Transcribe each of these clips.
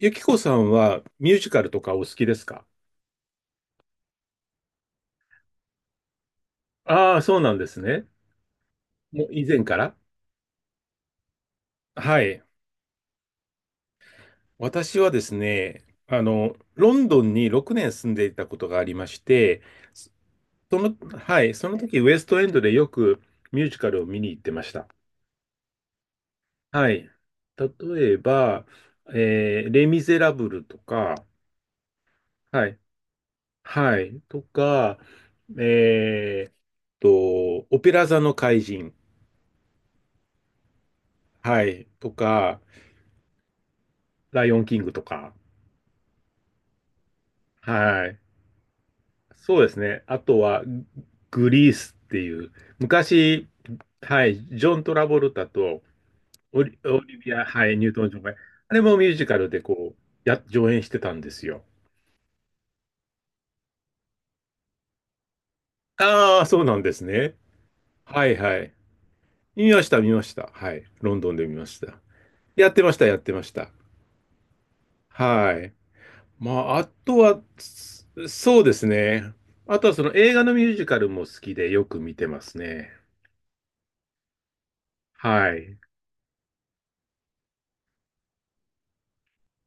ゆきこさんはミュージカルとかお好きですか？ああー、そうなんですね。もう以前から。はい。私はですね、ロンドンに6年住んでいたことがありまして、はい、その時ウエストエンドでよくミュージカルを見に行ってました。はい。例えば、レ・ミゼラブルとか、はい、はい、とか、えーっオペラ座の怪人、はい、とか、ライオンキングとか。はい。そうですね。あとは、グリースっていう、昔、はい、ジョン・トラボルタとオリビア、はい、ニュートン・ジョンが、あれもミュージカルでこう、上演してたんですよ。ああ、そうなんですね。はいはい。見ました、見ました。はい。ロンドンで見ました。やってました、やってました。はい。まあ、あとは、そうですね。あとはその映画のミュージカルも好きでよく見てますね。はい。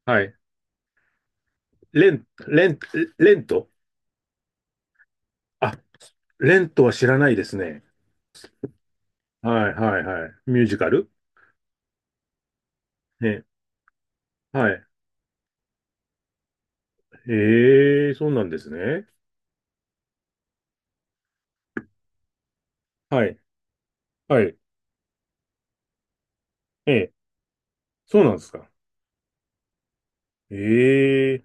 はい。レン、レン、レント。あ、レントは知らないですね。はい、はい、はい。ミュージカルね。はい。ええ、そうなんですね。はい、はい。ええ、そうなんですか。ええ、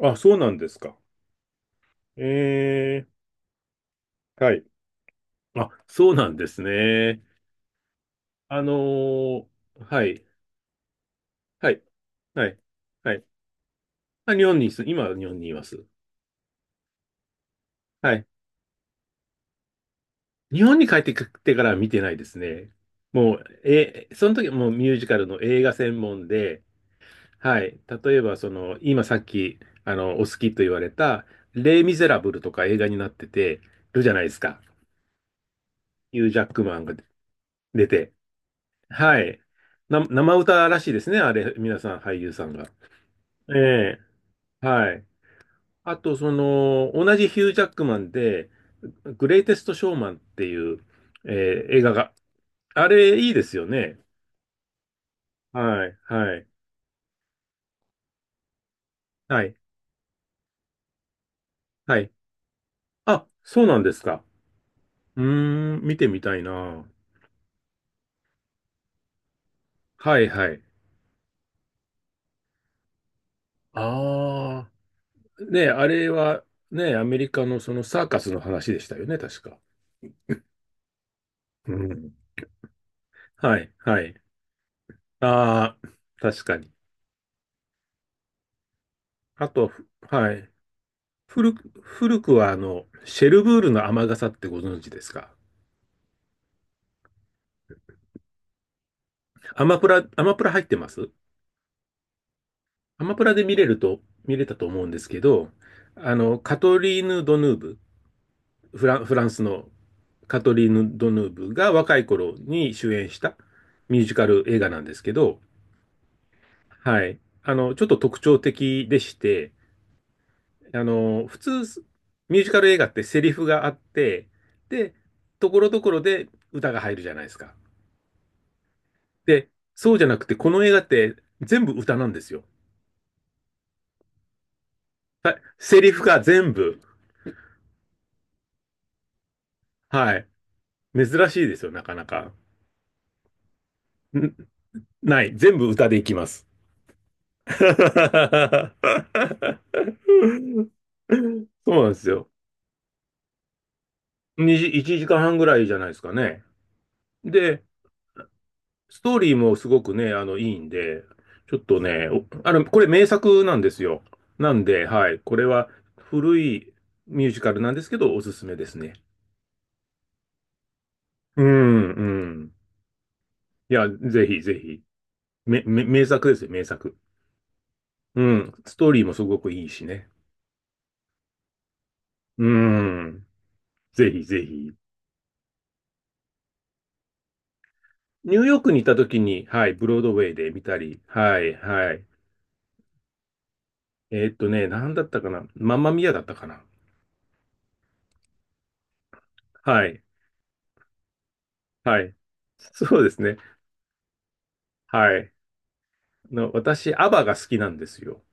あ、そうなんですか。ええ、はい。あ、そうなんですね。あのーはい、はい、はい、はい。あ、日本にいす、今は日本にいます。はい。日本に帰ってきてからは見てないですね。もう、その時はもうミュージカルの映画専門で、はい。例えば、今さっき、お好きと言われた、レイ・ミゼラブルとか映画になってて、るじゃないですか。ヒュー・ジャックマンが出て。はい。生歌らしいですね、あれ、皆さん、俳優さんが。ええ、はい。あと、同じヒュー・ジャックマンで、グレイテスト・ショーマンっていう、映画が、あれ、いいですよね。はい、はい、はい、はい。あ、そうなんですか。うーん、見てみたいな。はい、はい。ああ、ねえ、あれは、ねえ、アメリカのそのサーカスの話でしたよね、確か。うん。はい、はい。ああ、確かに。あと、はい。古くは、シェルブールの雨傘ってご存知ですか？アマプラ入ってます？アマプラで見れたと思うんですけど、カトリーヌ・ドヌーブ、フランスのカトリーヌ・ドヌーブが若い頃に主演したミュージカル映画なんですけど、はい。ちょっと特徴的でして、普通、ミュージカル映画ってセリフがあって、で、ところどころで歌が入るじゃないですか。で、そうじゃなくて、この映画って全部歌なんですよ。はい、セリフが全部。はい。珍しいですよ、なかなか。んない。全部歌でいきます。そうなんですよ。2じ1時間半ぐらいじゃないですかね。で、ストーリーもすごくね、いいんで、ちょっとね、おあの、これ名作なんですよ。なんで、はい、これは古いミュージカルなんですけど、おすすめですね。うん、うん。いや、ぜひぜひ。名作ですよ、名作。うん。ストーリーもすごくいいしね。うん。ぜひぜひ。ニューヨークに行った時に、はい、ブロードウェイで見たり、はい、はい。なんだったかな。マンマミアだったかな。はい、はい。そうですね。はい。私、アバが好きなんですよ。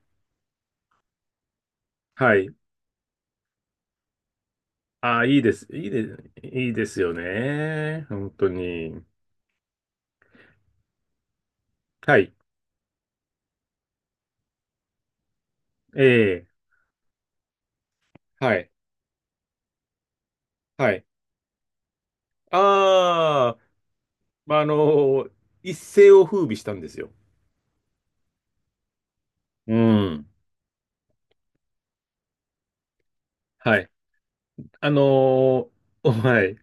はい。ああ、いいです。いいですよね。本当に。はい。ええ、はい。はい。ああ、まあ、一世を風靡したんですよ。うん。はい。あのーはい。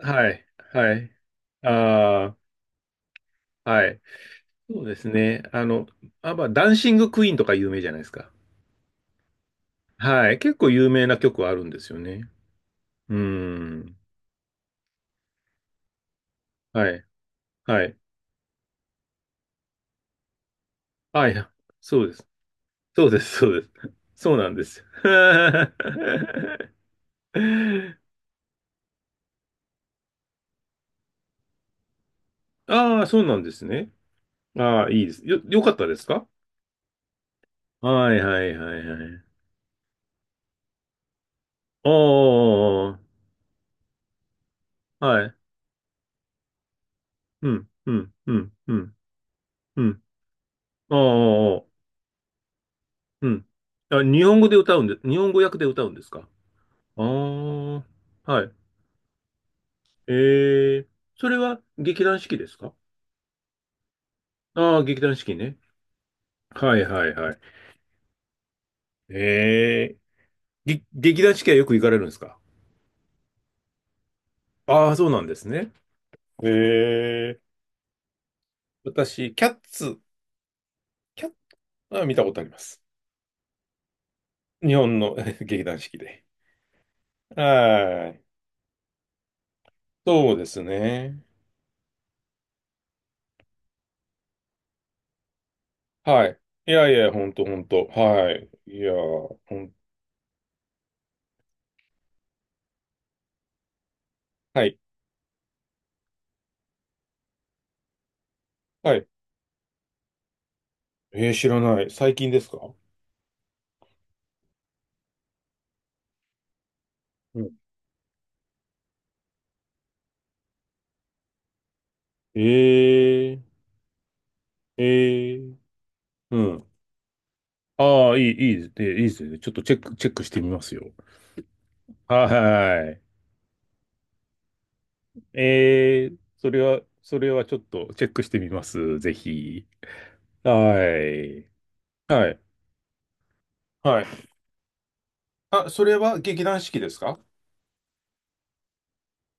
はい。はい。ああ。はい。そうですね。あ、まあ、ダンシングクイーンとか有名じゃないですか。はい。結構有名な曲はあるんですよね。うーん。はい。はい。はい。そうです。そうです。そうです。そうなんです。ああ、そうなんですね。ああ、いいです。よかったですか？はい、はい、はい、はい。ああ、はい。うん、うん、うん、うん、うん。ああ、うん。あ、日本語で歌うんで、日本語訳で歌うんですか？ああ、はい。ええ、それは劇団四季ですか？ああー、劇団四季ね。はいはいはい。ええ、劇団四季はよく行かれるんですか？ああー、そうなんですね。ええ、私、キャッツは見たことあります。日本の 劇団四季で。はい。そうですね。はい。いやいや、ほんとほんと。はい。いや、はい。はい。えー、知らない。最近ですか？うん。えー、えー。うん。ああ、いいですね。いいですね。ちょっとチェックしてみますよ。はい。それはちょっとチェックしてみます。ぜひ。はい。はい。はい。あ、それは劇団四季ですか？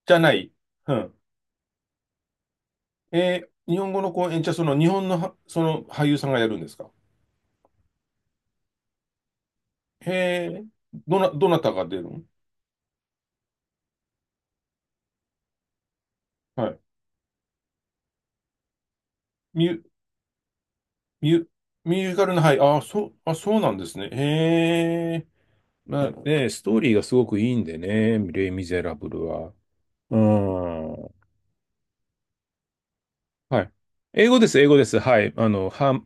じゃない。うん。日本語の公演、じゃあその日本のは、その俳優さんがやるんですか？へえ、どなたが出るの？はい。ミュ、ミュ、ミュージカルの、はい。あ、そうなんですね。へえ。まあね、ストーリーがすごくいいんでね、レイ・ミゼラブルは。うん。はい。英語です、英語です。はい。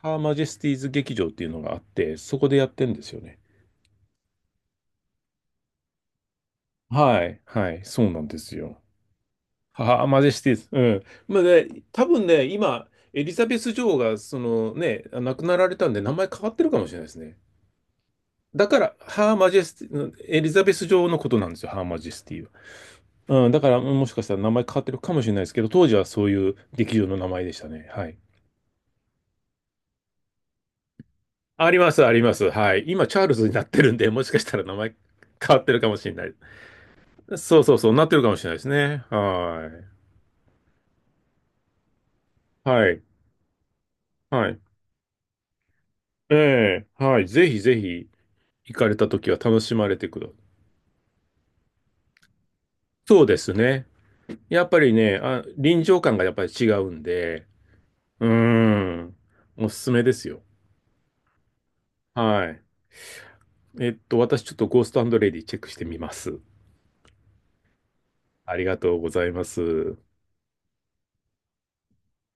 ハーマジェスティーズ劇場っていうのがあって、そこでやってんですよね。はい。はい。そうなんですよ。ハーマジェスティーズ。うん。まあね、多分ね、今、エリザベス女王が、そのね、亡くなられたんで、名前変わってるかもしれないですね。だから、ハーマジェスティ、エリザベス女王のことなんですよ、ハーマジェスティ。うん、だからもしかしたら名前変わってるかもしれないですけど、当時はそういう劇場の名前でしたね。はい。あります、あります。はい。今、チャールズになってるんで、もしかしたら名前変わってるかもしれない。そうそうそう、なってるかもしれないですね。はい。はい。はい。ええ、はい。ぜひぜひ、行かれた時は楽しまれてください。そうですね。やっぱりね、あ、臨場感がやっぱり違うんで、うーん、おすすめですよ。はい。私ちょっとゴーストレディチェックしてみます。ありがとうございます。